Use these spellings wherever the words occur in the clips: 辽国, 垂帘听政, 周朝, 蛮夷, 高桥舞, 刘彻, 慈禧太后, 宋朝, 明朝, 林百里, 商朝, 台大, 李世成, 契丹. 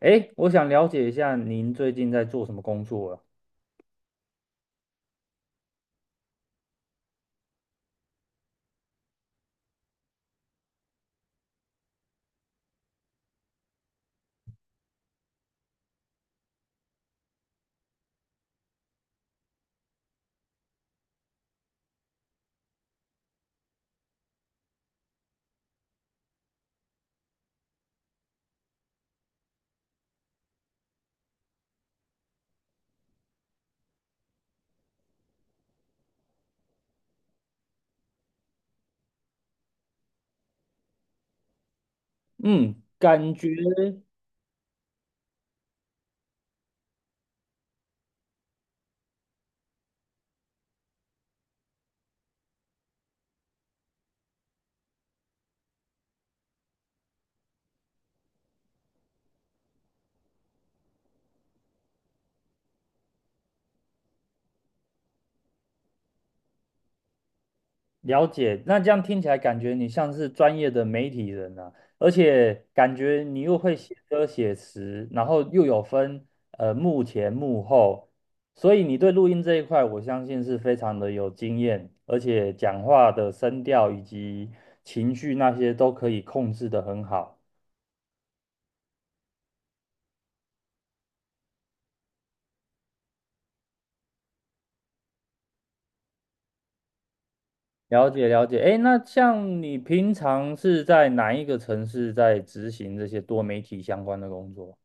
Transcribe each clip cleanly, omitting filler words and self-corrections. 哎，我想了解一下您最近在做什么工作啊？嗯，感觉了解。那这样听起来，感觉你像是专业的媒体人啊，而且感觉你又会写歌写词，然后又有分幕前幕后，所以你对录音这一块，我相信是非常的有经验，而且讲话的声调以及情绪那些都可以控制得很好。了解了解，哎，那像你平常是在哪一个城市在执行这些多媒体相关的工作？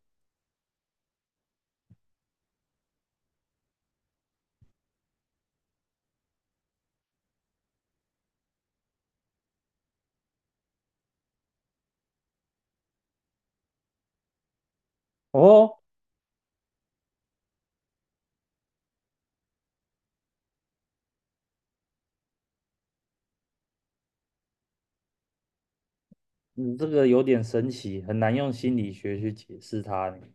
哦，你这个有点神奇，很难用心理学去解释它呢。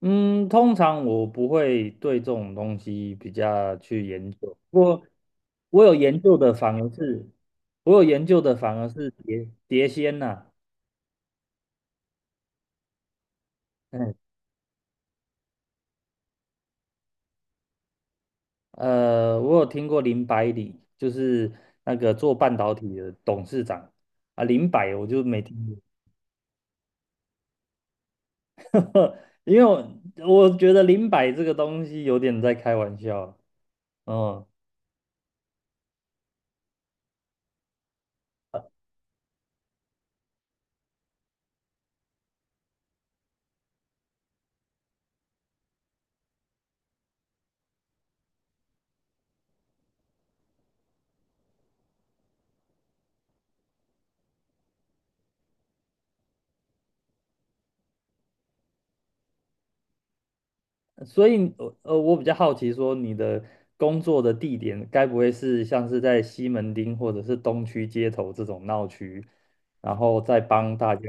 嗯，通常我不会对这种东西比较去研究，不过我有研究的反而是，我有研究的反而是碟碟仙呐、哎，呃，我有听过林百里，就是那个做半导体的董事长啊，林百我就没听过。因为我觉得林百这个东西有点在开玩笑，嗯，所以呃，我比较好奇说你的工作的地点该不会是像是在西门町或者是东区街头这种闹区，然后再帮大家，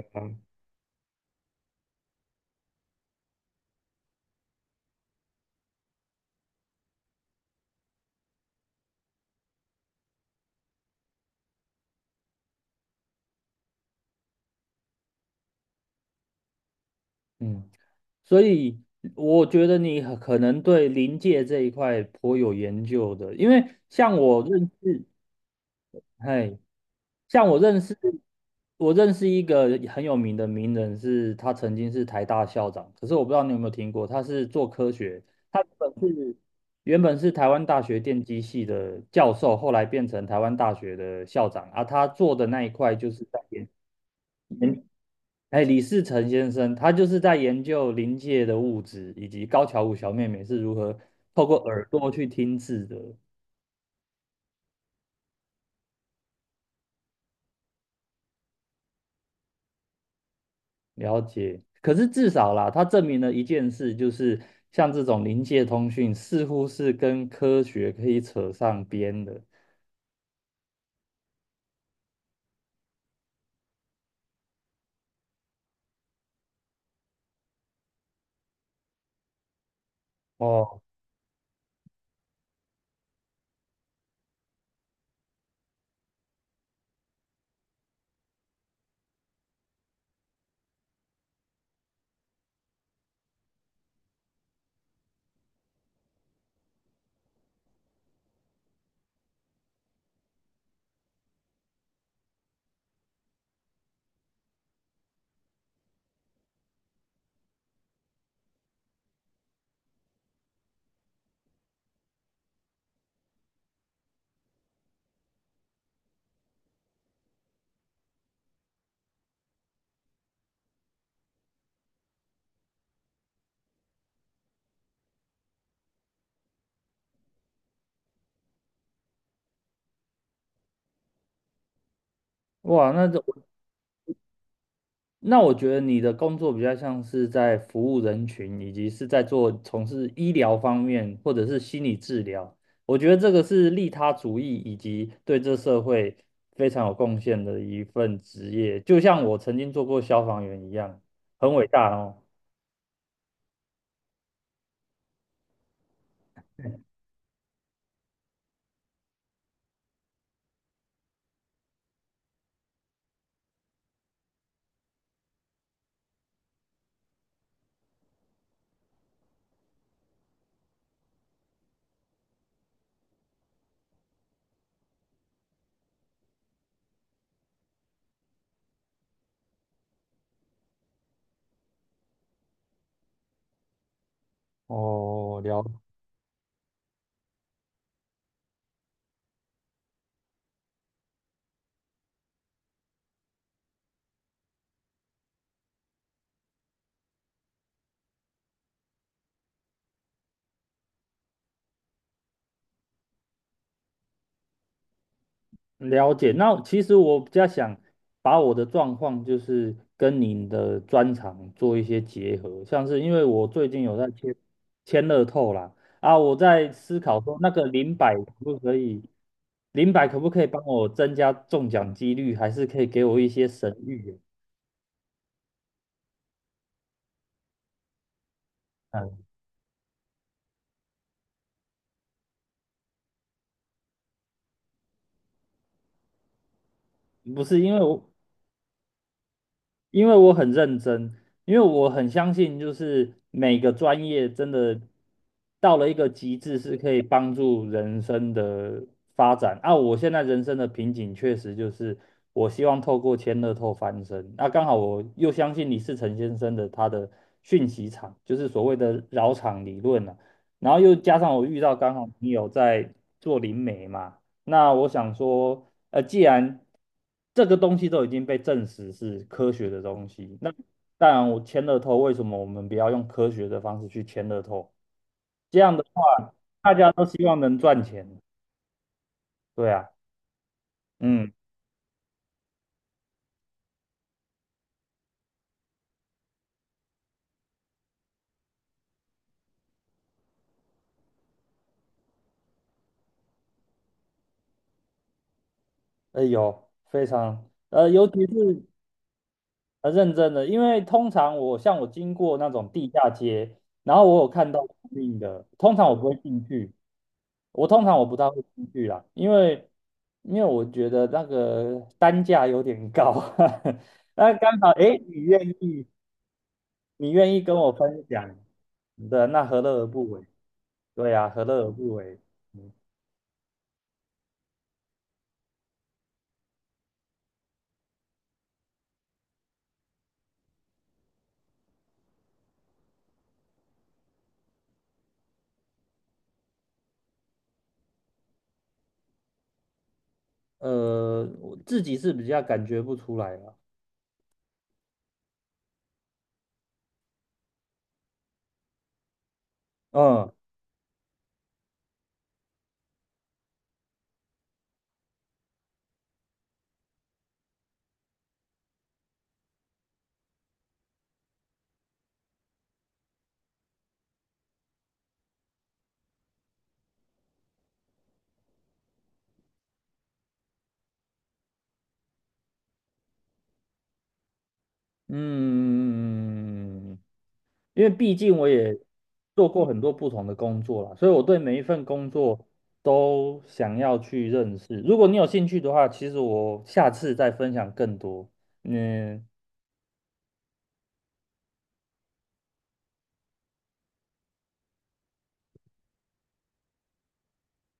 嗯。所以我觉得你很可能对临界这一块颇有研究的，因为像我认识，嘿，像我认识，我认识一个很有名的名人是，他曾经是台大校长，可是我不知道你有没有听过，他是做科学，他原本是原本是台湾大学电机系的教授，后来变成台湾大学的校长，而他做的那一块就是在研，哎，李世成先生，他就是在研究临界的物质，以及高桥舞小妹妹是如何透过耳朵去听字的。了解。可是至少啦，他证明了一件事，就是像这种临界通讯，似乎是跟科学可以扯上边的。哦，哇，那我觉得你的工作比较像是在服务人群，以及是在做从事医疗方面或者是心理治疗。我觉得这个是利他主义以及对这社会非常有贡献的一份职业，就像我曾经做过消防员一样，很伟大哦。哦，了，了解。那其实我比较想把我的状况，就是跟您的专长做一些结合，像是因为我最近有在签乐透啦，啊，我在思考说那个零百可不可以，零百可不可以帮我增加中奖几率，还是可以给我一些神谕啊？嗯，不是，因为我很认真，因为我很相信，就是每个专业真的到了一个极致，是可以帮助人生的发展。啊，我现在人生的瓶颈确实就是，我希望透过千乐透翻身。那、刚好我又相信李世成先生的他的讯息场，就是所谓的绕场理论了、然后又加上我遇到刚好你有在做灵媒嘛，那我想说。呃，既然这个东西都已经被证实是科学的东西，那当然我签了头。为什么我们不要用科学的方式去签了头？这样的话，大家都希望能赚钱，对啊，嗯，呃，有非常，呃尤其是呃认真的，因为通常我像我经过那种地下街，然后我有看到供应的，通常我不会进去，我通常不大会出去啦，因为我觉得那个单价有点高。那刚好，哎，你愿意跟我分享的，那何乐而不为？对啊，何乐而不为？嗯，呃，我自己是比较感觉不出来了。嗯，嗯，因为毕竟我也做过很多不同的工作啦，所以我对每一份工作都想要去认识。如果你有兴趣的话，其实我下次再分享更多。嗯，